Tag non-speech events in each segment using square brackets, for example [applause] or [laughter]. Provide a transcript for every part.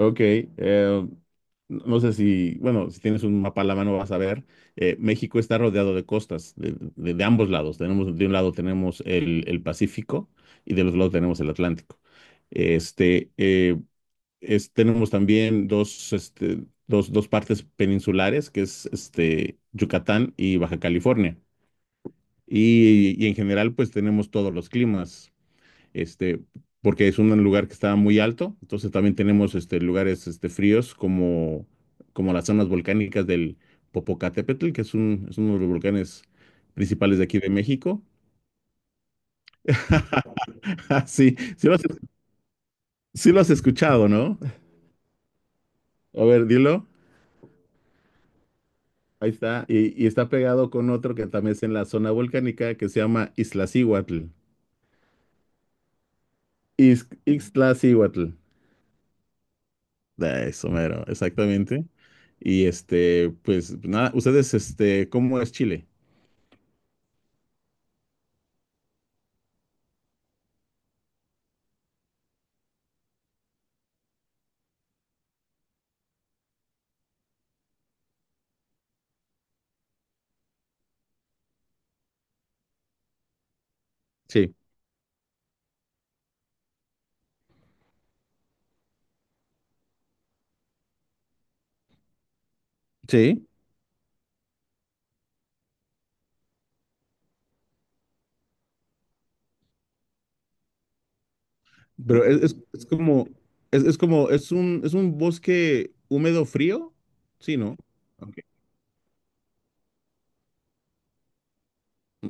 Ok, eh, no sé si, bueno, si tienes un mapa a la mano vas a ver, México está rodeado de costas, de ambos lados. Tenemos, de un lado tenemos el Pacífico y del otro lado tenemos el Atlántico. Este, eh, Tenemos también dos, dos partes peninsulares, que es Yucatán y Baja California. Y en general, pues tenemos todos los climas este, porque es un lugar que está muy alto, entonces también tenemos lugares fríos como las zonas volcánicas del Popocatépetl, es uno de los volcanes principales de aquí de México. [laughs] Sí, sí lo has, sí lo has escuchado, ¿no? A ver, dilo. Ahí está. Y está pegado con otro que también es en la zona volcánica que se llama Iztaccíhuatl. Iztaccíhuatl. Ah, eso, mero, exactamente. Y pues nada, ustedes, ¿cómo es Chile? Sí, sí, pero es como, es un bosque húmedo frío, sí, ¿no? Ok.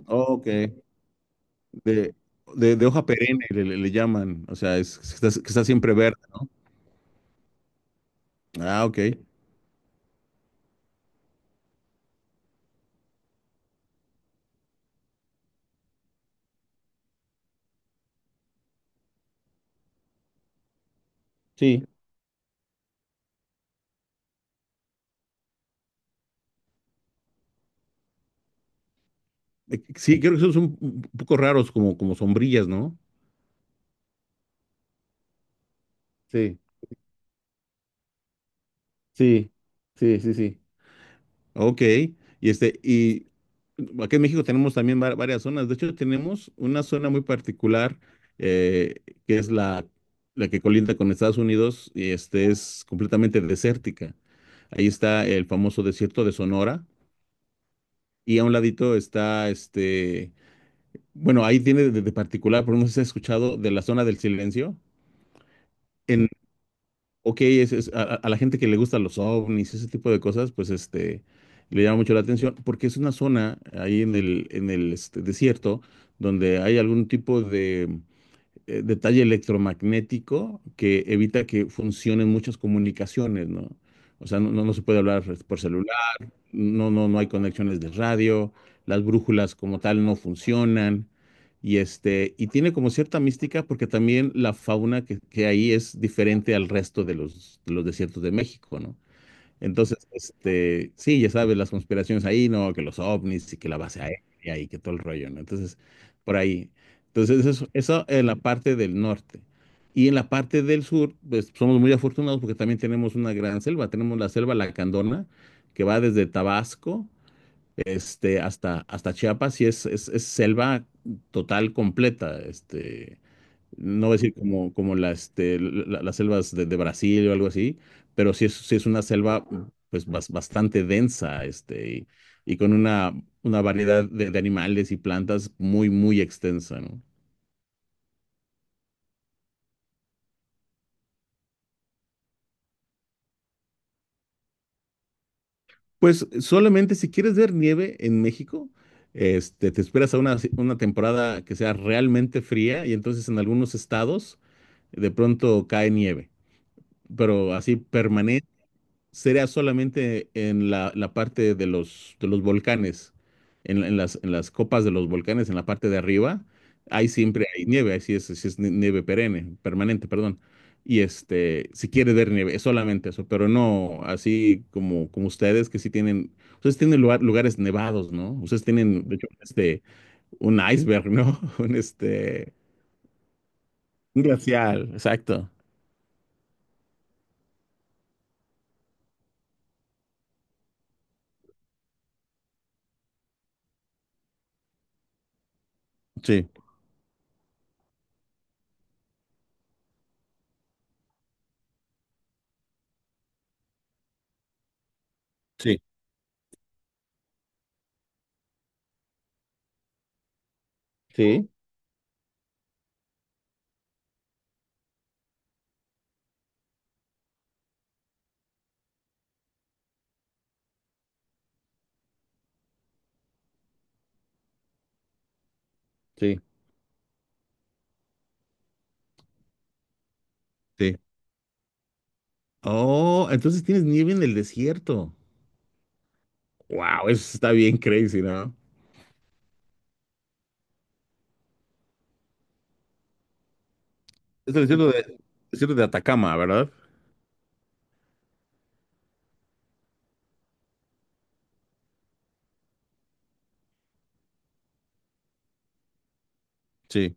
Ok. De, de hoja perenne le llaman, o sea, que está siempre verde, ¿no? Ah, ok. Sí. Sí, creo que son un poco raros como sombrillas, ¿no? Sí, sí, sí, sí, sí. Ok, este, y aquí en México tenemos también varias zonas. De hecho, tenemos una zona muy particular, eh, que es la que colinda con Estados Unidos y este es completamente desértica. Ahí está el famoso desierto de Sonora y a un ladito está bueno, ahí tiene de particular, por no sé si has escuchado de la zona del silencio. Ok, a la gente que le gustan los ovnis, ese tipo de cosas, pues le llama mucho la atención, porque es una zona ahí en el desierto donde hay algún tipo de detalle electromagnético que evita que funcionen muchas comunicaciones, ¿no? O sea, no se puede hablar por celular, no hay conexiones de radio, las brújulas como tal no funcionan. Y y tiene como cierta mística porque también la fauna que hay es diferente al resto de de los desiertos de México, ¿no? Entonces, sí, ya sabes, las conspiraciones ahí, ¿no? Que los ovnis y que la base aérea y que todo el rollo, ¿no? Entonces, por ahí. Entonces, eso en la parte del norte. Y en la parte del sur, pues somos muy afortunados porque también tenemos una gran selva. Tenemos la selva Lacandona, que va desde Tabasco, hasta Chiapas y es selva total, completa, no voy a decir como, como la, este, la- las selvas de Brasil o algo así, pero sí es una selva pues bastante densa, y con una variedad de animales y plantas muy, muy extensa, ¿no? Pues solamente si quieres ver nieve en México, te esperas a una temporada que sea realmente fría y entonces en algunos estados de pronto cae nieve, pero así permanente sería solamente en la parte de de los volcanes, en las copas de los volcanes, en la parte de arriba, ahí siempre hay nieve, ahí sí es nieve perenne, permanente, perdón. Y si quieres ver nieve, es solamente eso, pero no así como, como ustedes que sí tienen, ustedes tienen lugares nevados, ¿no? Ustedes tienen, de hecho, un iceberg, ¿no? [laughs] Un un glacial, exacto. Sí, sí, sí, sí, sí. Oh, entonces tienes nieve en el desierto. Wow, eso está bien crazy, ¿no? Es el desierto de Atacama, ¿verdad? Sí,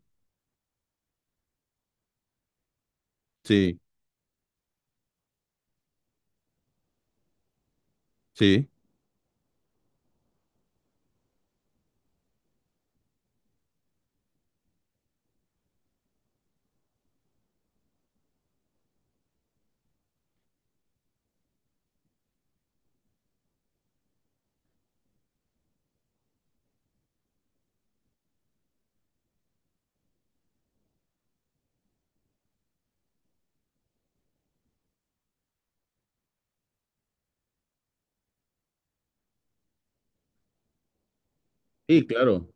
sí, sí. Sí, claro.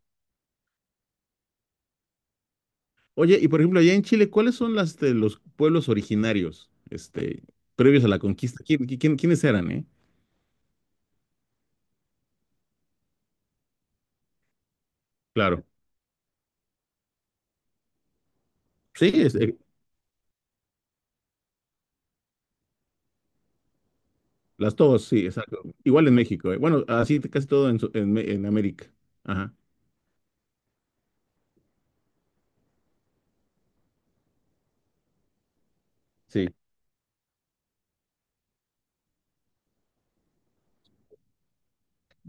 Oye, y por ejemplo, allá en Chile, ¿cuáles son las de los pueblos originarios, previos a la conquista? ¿ Quiénes eran, eh? Claro. Sí, sí, exacto. Igual en México, eh. Bueno, así casi todo en, su- en, Me- en América. Ajá. Sí.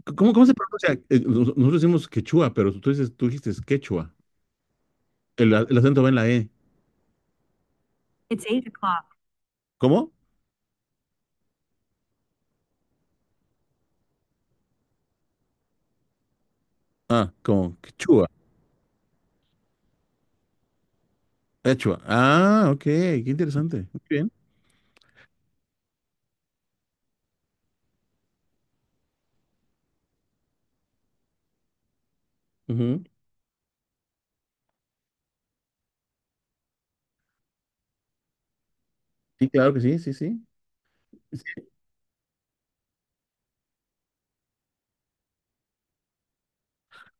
¿Cómo, cómo se pronuncia? Nosotros decimos quechua, pero tú dices, tú dijiste quechua. El, el acento va en la E. It's eight o'clock. ¿Cómo? Ah, como quechua. Quechua. Ah, ok, qué interesante. Muy bien. Ujú. Sí, claro que sí, sí, sí.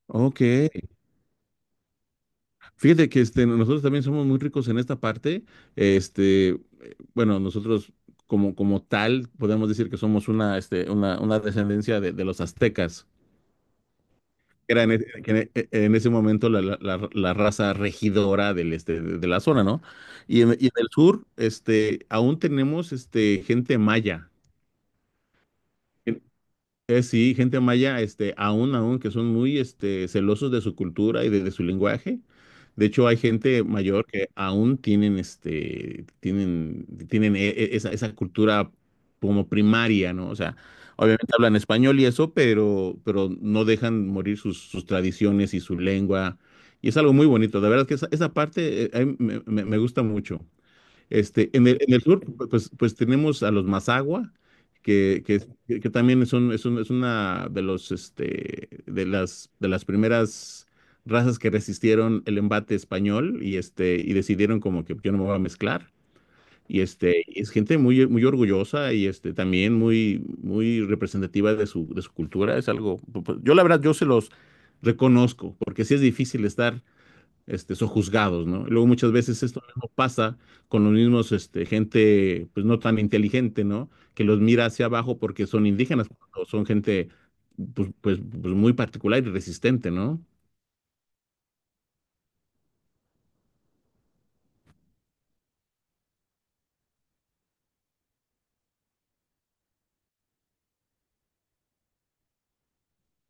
Ok, fíjate que nosotros también somos muy ricos en esta parte. Bueno, nosotros como, como tal podemos decir que somos una, una descendencia de los aztecas, que eran en, e- que en e- en ese momento la raza regidora del, de la zona, ¿no? Y en el sur, aún tenemos gente maya. Sí, gente maya, aún, que son muy, celosos de su cultura y de su lenguaje. De hecho, hay gente mayor que aún tienen, tienen esa cultura como primaria, ¿no? O sea, obviamente hablan español y eso, pero no dejan morir sus, sus tradiciones y su lengua. Y es algo muy bonito. De verdad que esa parte, a mí me gusta mucho. En el sur, pues, pues tenemos a los Mazagua, que también son, es una de los, de las primeras razas que resistieron el embate español y, y decidieron como que yo no me voy a mezclar. Y y es gente muy, muy orgullosa y también muy, muy representativa de su cultura. Es algo, yo la verdad, yo se los reconozco, porque sí es difícil estar son juzgados, ¿no? Luego muchas veces esto mismo pasa con los mismos, gente, pues no tan inteligente, ¿no? Que los mira hacia abajo porque son indígenas, o son gente, pues, pues, pues muy particular y resistente, ¿no?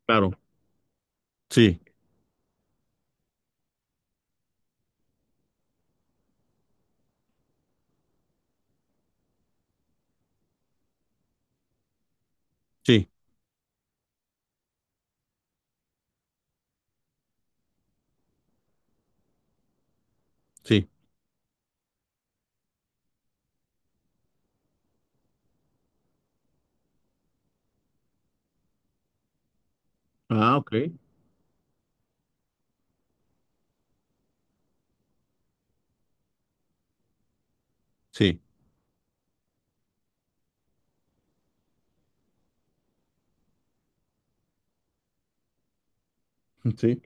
Claro, sí, sí, sí, ah, ok, sí. [laughs] Sí,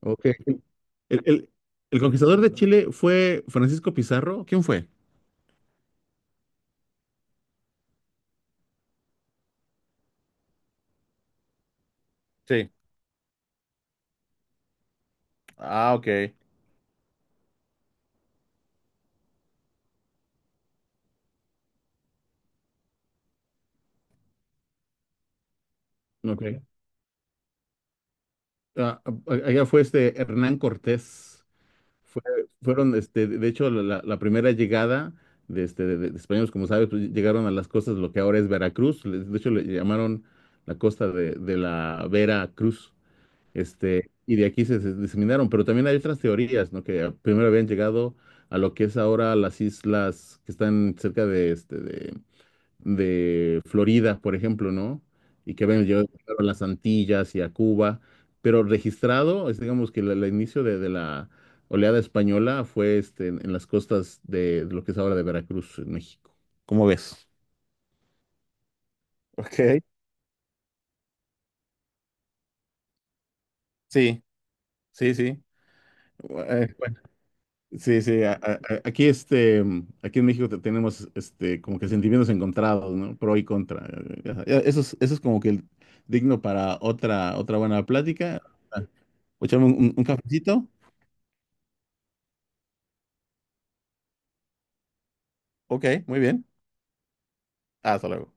ok. El, el- el conquistador de Chile fue Francisco Pizarro. ¿Quién fue? Sí. Ah, ok. Ok. Ah, ah, allá fue este Hernán Cortés. Fue- Fueron, de hecho, la primera llegada de, de españoles, como sabes, pues, llegaron a las costas de lo que ahora es Veracruz. De hecho, le llamaron la costa de la Vera Cruz. Y de aquí se, se diseminaron. Pero también hay otras teorías, ¿no? Que primero habían llegado a lo que es ahora las islas que están cerca de, de Florida, por ejemplo, ¿no? Y que ven, yo claro, a las Antillas y a Cuba, pero registrado, es, digamos que el inicio de la oleada española fue en las costas de lo que es ahora de Veracruz, en México. ¿Cómo ves? Ok. Sí, sí, sí. Bueno, sí, sí, aquí, aquí en México tenemos como que sentimientos encontrados, ¿no? Pro y contra. Eso es como que digno para otra, otra buena plática. Ah, Echame un cafecito. Ok, muy bien. Hasta luego.